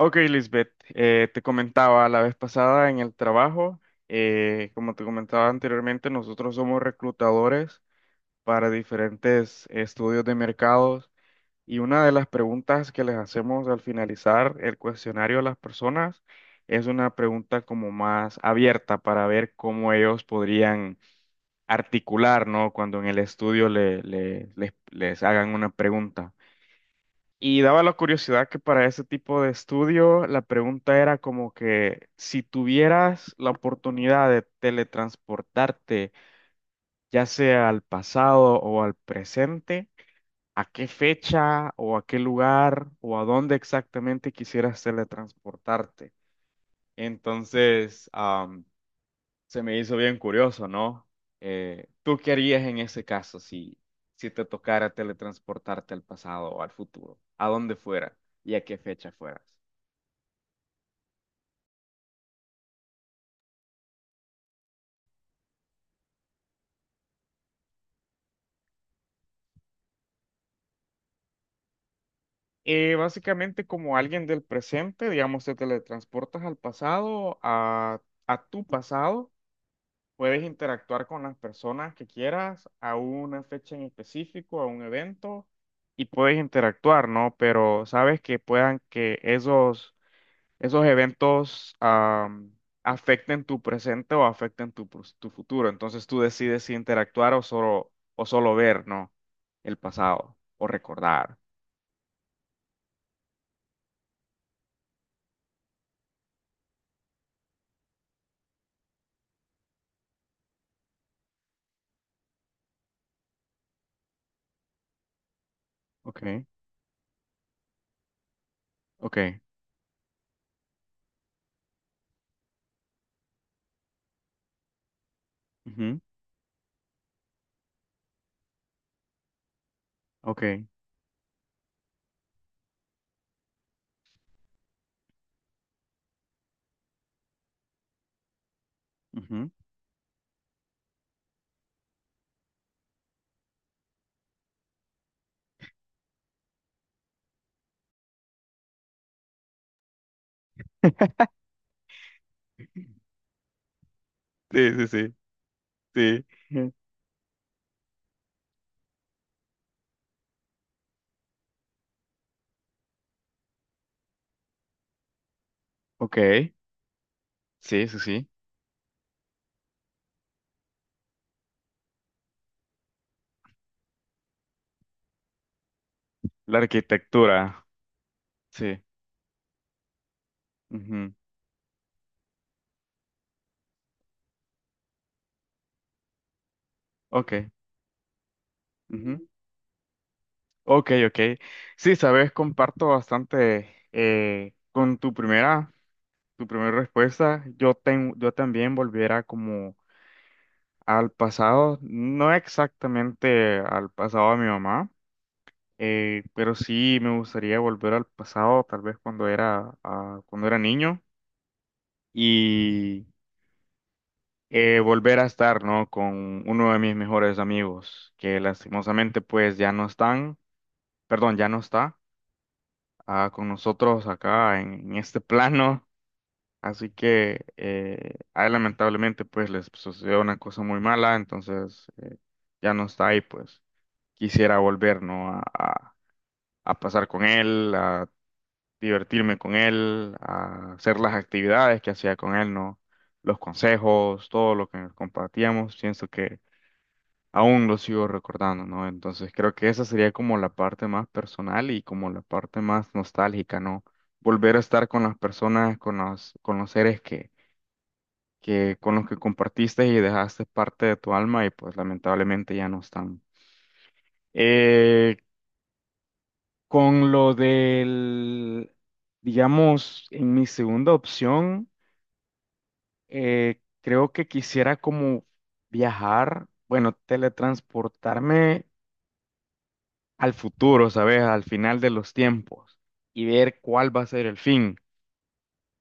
Ok, Lisbeth, te comentaba la vez pasada en el trabajo, como te comentaba anteriormente, nosotros somos reclutadores para diferentes estudios de mercados y una de las preguntas que les hacemos al finalizar el cuestionario a las personas es una pregunta como más abierta para ver cómo ellos podrían articular, ¿no? Cuando en el estudio les hagan una pregunta. Y daba la curiosidad que para ese tipo de estudio la pregunta era como que si tuvieras la oportunidad de teletransportarte, ya sea al pasado o al presente, ¿a qué fecha o a qué lugar o a dónde exactamente quisieras teletransportarte? Entonces, se me hizo bien curioso, ¿no? ¿Tú qué harías en ese caso si te tocara teletransportarte al pasado o al futuro? ¿A dónde fuera y a qué fecha fueras? Básicamente como alguien del presente, digamos, te teletransportas al pasado, a tu pasado, puedes interactuar con las personas que quieras a una fecha en específico, a un evento, y puedes interactuar, ¿no? Pero sabes que puedan que esos eventos afecten tu presente o afecten tu, tu futuro. Entonces tú decides si interactuar o solo ver, ¿no? El pasado o recordar. Ok, ok, ujú, ok, ujú. Sí, sí, sí, sí. Ujú. Ok, sí, sí, sí. La arquitectura, sí. Ujú, ok, ujú, ok, ok. Sí, sabes, comparto bastante con tu primera. Tu primera respuesta, yo, yo también volviera como al pasado, no exactamente al pasado de mi mamá, pero sí me gustaría volver al pasado, tal vez cuando era, cuando era niño, y volver a estar, ¿no? Con uno de mis mejores amigos, que lastimosamente pues ya no están, perdón, ya no está con nosotros acá en este plano. Así que a él lamentablemente pues les sucedió una cosa muy mala, entonces ya no está ahí, pues quisiera volver, ¿no? A pasar con él, a divertirme con él, a hacer las actividades que hacía con él, ¿no? Los consejos, todo lo que compartíamos, pienso que aún lo sigo recordando, ¿no? Entonces creo que esa sería como la parte más personal y como la parte más nostálgica, ¿no? Volver a estar con las personas, con los seres que con los que compartiste y dejaste parte de tu alma y pues lamentablemente ya no están. Eh, con lo del, digamos, en mi segunda opción, creo que quisiera como viajar, bueno, teletransportarme al futuro, ¿sabes? Al final de los tiempos y ver cuál va a ser el fin.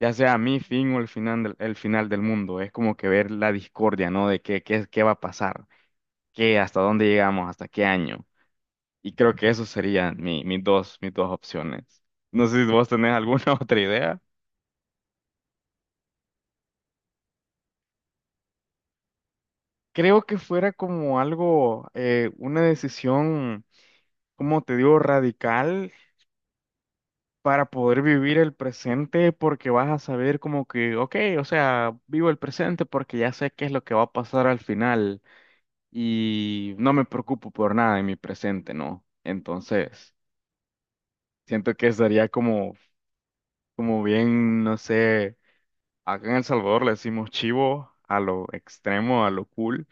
Ya sea mi fin o el final del mundo, es como que ver la discordia, ¿no? De qué va a pasar. ¿Qué? ¿Hasta dónde llegamos? ¿Hasta qué año? Y creo que eso serían mis dos opciones. No sé si vos tenés alguna otra idea. Creo que fuera como algo, una decisión, como te digo, radical para poder vivir el presente porque vas a saber como que, ok, o sea, vivo el presente porque ya sé qué es lo que va a pasar al final y no me preocupo por nada en mi presente, ¿no? Entonces, siento que sería como, como bien, no sé. Acá en El Salvador le decimos chivo a lo extremo, a lo cool,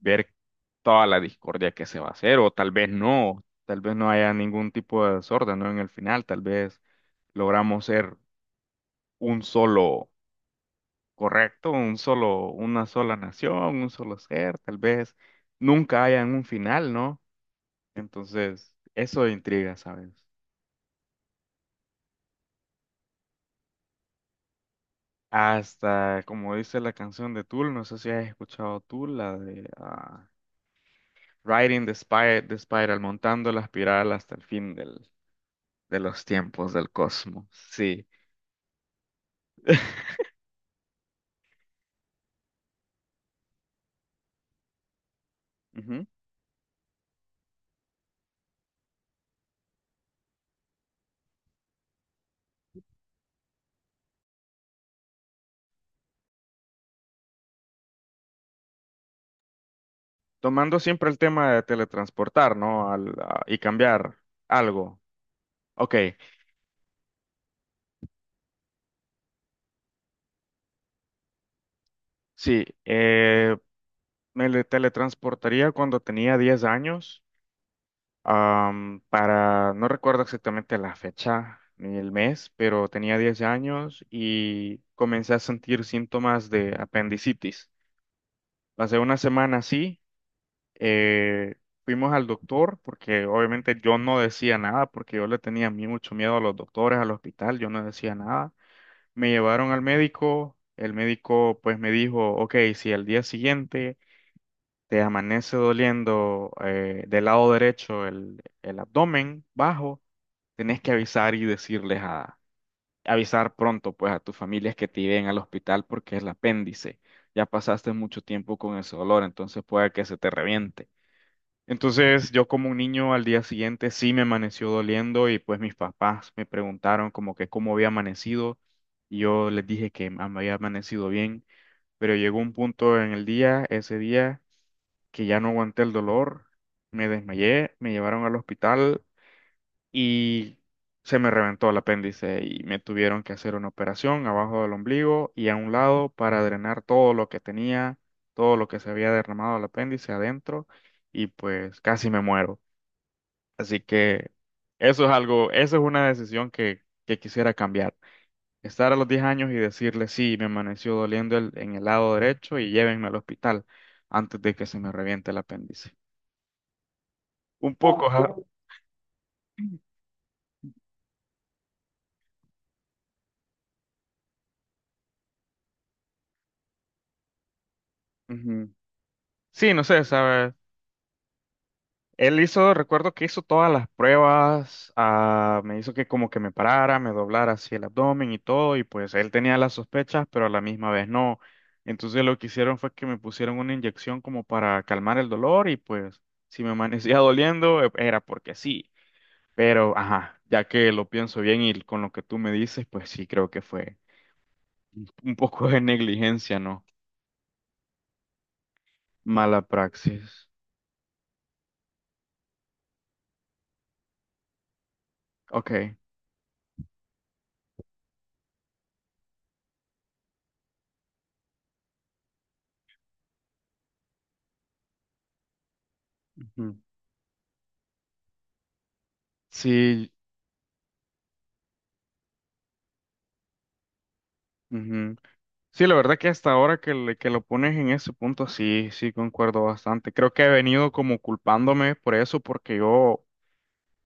ver toda la discordia que se va a hacer, o tal vez no haya ningún tipo de desorden, ¿no? En el final, tal vez logramos ser un solo correcto, un solo, una sola nación, un solo ser, tal vez nunca haya un final, ¿no? Entonces, eso intriga, ¿sabes? Hasta, como dice la canción de Tool, no sé si has escuchado Tool, la de... Riding the the Spiral, montando la espiral hasta el fin de los tiempos del cosmos. Sí. Ujú. Tomando siempre el tema de teletransportar, ¿no? Y cambiar algo. Ok, sí. Eh, teletransportaría cuando tenía 10 años, para, no recuerdo exactamente la fecha ni el mes, pero tenía 10 años y comencé a sentir síntomas de apendicitis. Pasé una semana así. Eh, Fuimos al doctor porque obviamente yo no decía nada porque yo le tenía mucho miedo a los doctores, al hospital, yo no decía nada. Me llevaron al médico, el médico pues me dijo, ok, si al día siguiente te amanece doliendo del lado derecho el abdomen bajo, tenés que avisar y avisar pronto pues a tus familias que te lleven al hospital porque es el apéndice. Ya pasaste mucho tiempo con ese dolor, entonces puede que se te reviente. Entonces yo como un niño al día siguiente sí me amaneció doliendo y pues mis papás me preguntaron como que cómo había amanecido y yo les dije que me había amanecido bien, pero llegó un punto en el día, ese día, que ya no aguanté el dolor, me desmayé, me llevaron al hospital y se me reventó el apéndice y me tuvieron que hacer una operación abajo del ombligo y a un lado para drenar todo lo que tenía, todo lo que se había derramado el apéndice adentro y pues casi me muero. Así que eso es algo, eso es una decisión que quisiera cambiar. Estar a los 10 años y decirle, sí, me amaneció doliendo en el lado derecho y llévenme al hospital antes de que se me reviente el apéndice. Un poco, ja- Ujú. Sí, no sé, ¿sabes? Él hizo, recuerdo que hizo todas las pruebas, me hizo que como que me parara, me doblara así el abdomen y todo, y pues él tenía las sospechas, pero a la misma vez no. Entonces lo que hicieron fue que me pusieron una inyección como para calmar el dolor y pues si me amanecía doliendo era porque sí. Pero, ajá, ya que lo pienso bien y con lo que tú me dices, pues sí creo que fue un poco de negligencia, ¿no? Mala praxis. Ok. Ujú. Sí. Ujú. Sí, la verdad que hasta ahora que, que lo pones en ese punto, sí, sí, concuerdo bastante. Creo que he venido como culpándome por eso, porque yo,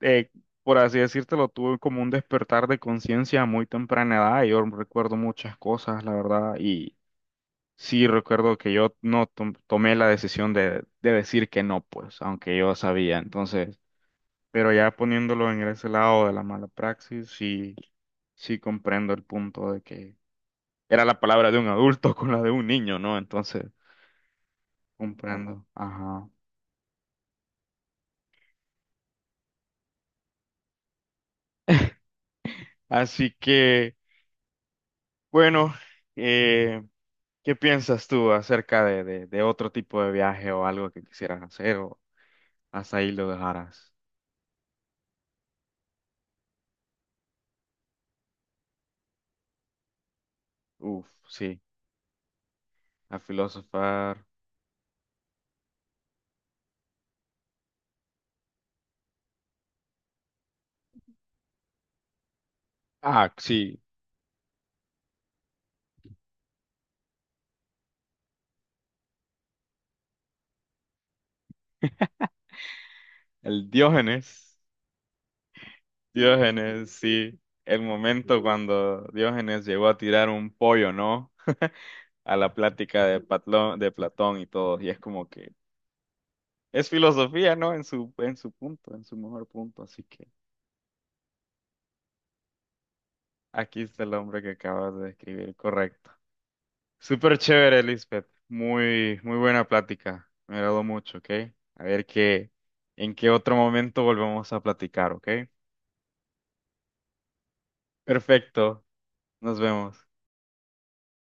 eh, por así decírtelo, tuve como un despertar de conciencia a muy temprana edad. Yo recuerdo muchas cosas, la verdad, y sí recuerdo que yo no tomé la decisión de decir que no, pues, aunque yo sabía. Entonces, pero ya poniéndolo en ese lado de la mala praxis, sí, sí comprendo el punto. Era la palabra de un adulto con la de un niño, ¿no? Entonces, comprendo. Ajá. Así que, bueno, eh, ¿qué piensas tú acerca de otro tipo de viaje o algo que quisieras hacer o hasta ahí lo dejarás? Uf, sí, a filosofar. Ah, sí, el Diógenes. Diógenes, sí. El momento cuando Diógenes llegó a tirar un pollo, ¿no? A la plática de de Platón y todo. Y es como que... Es filosofía, ¿no? En su punto, en su mejor punto. Así que aquí está el hombre que acabas de describir, correcto. Súper chévere, Lisbeth. Muy, muy buena plática. Me agradó mucho, ¿ok? A ver qué, en qué otro momento volvemos a platicar, ¿ok? Perfecto. Nos vemos.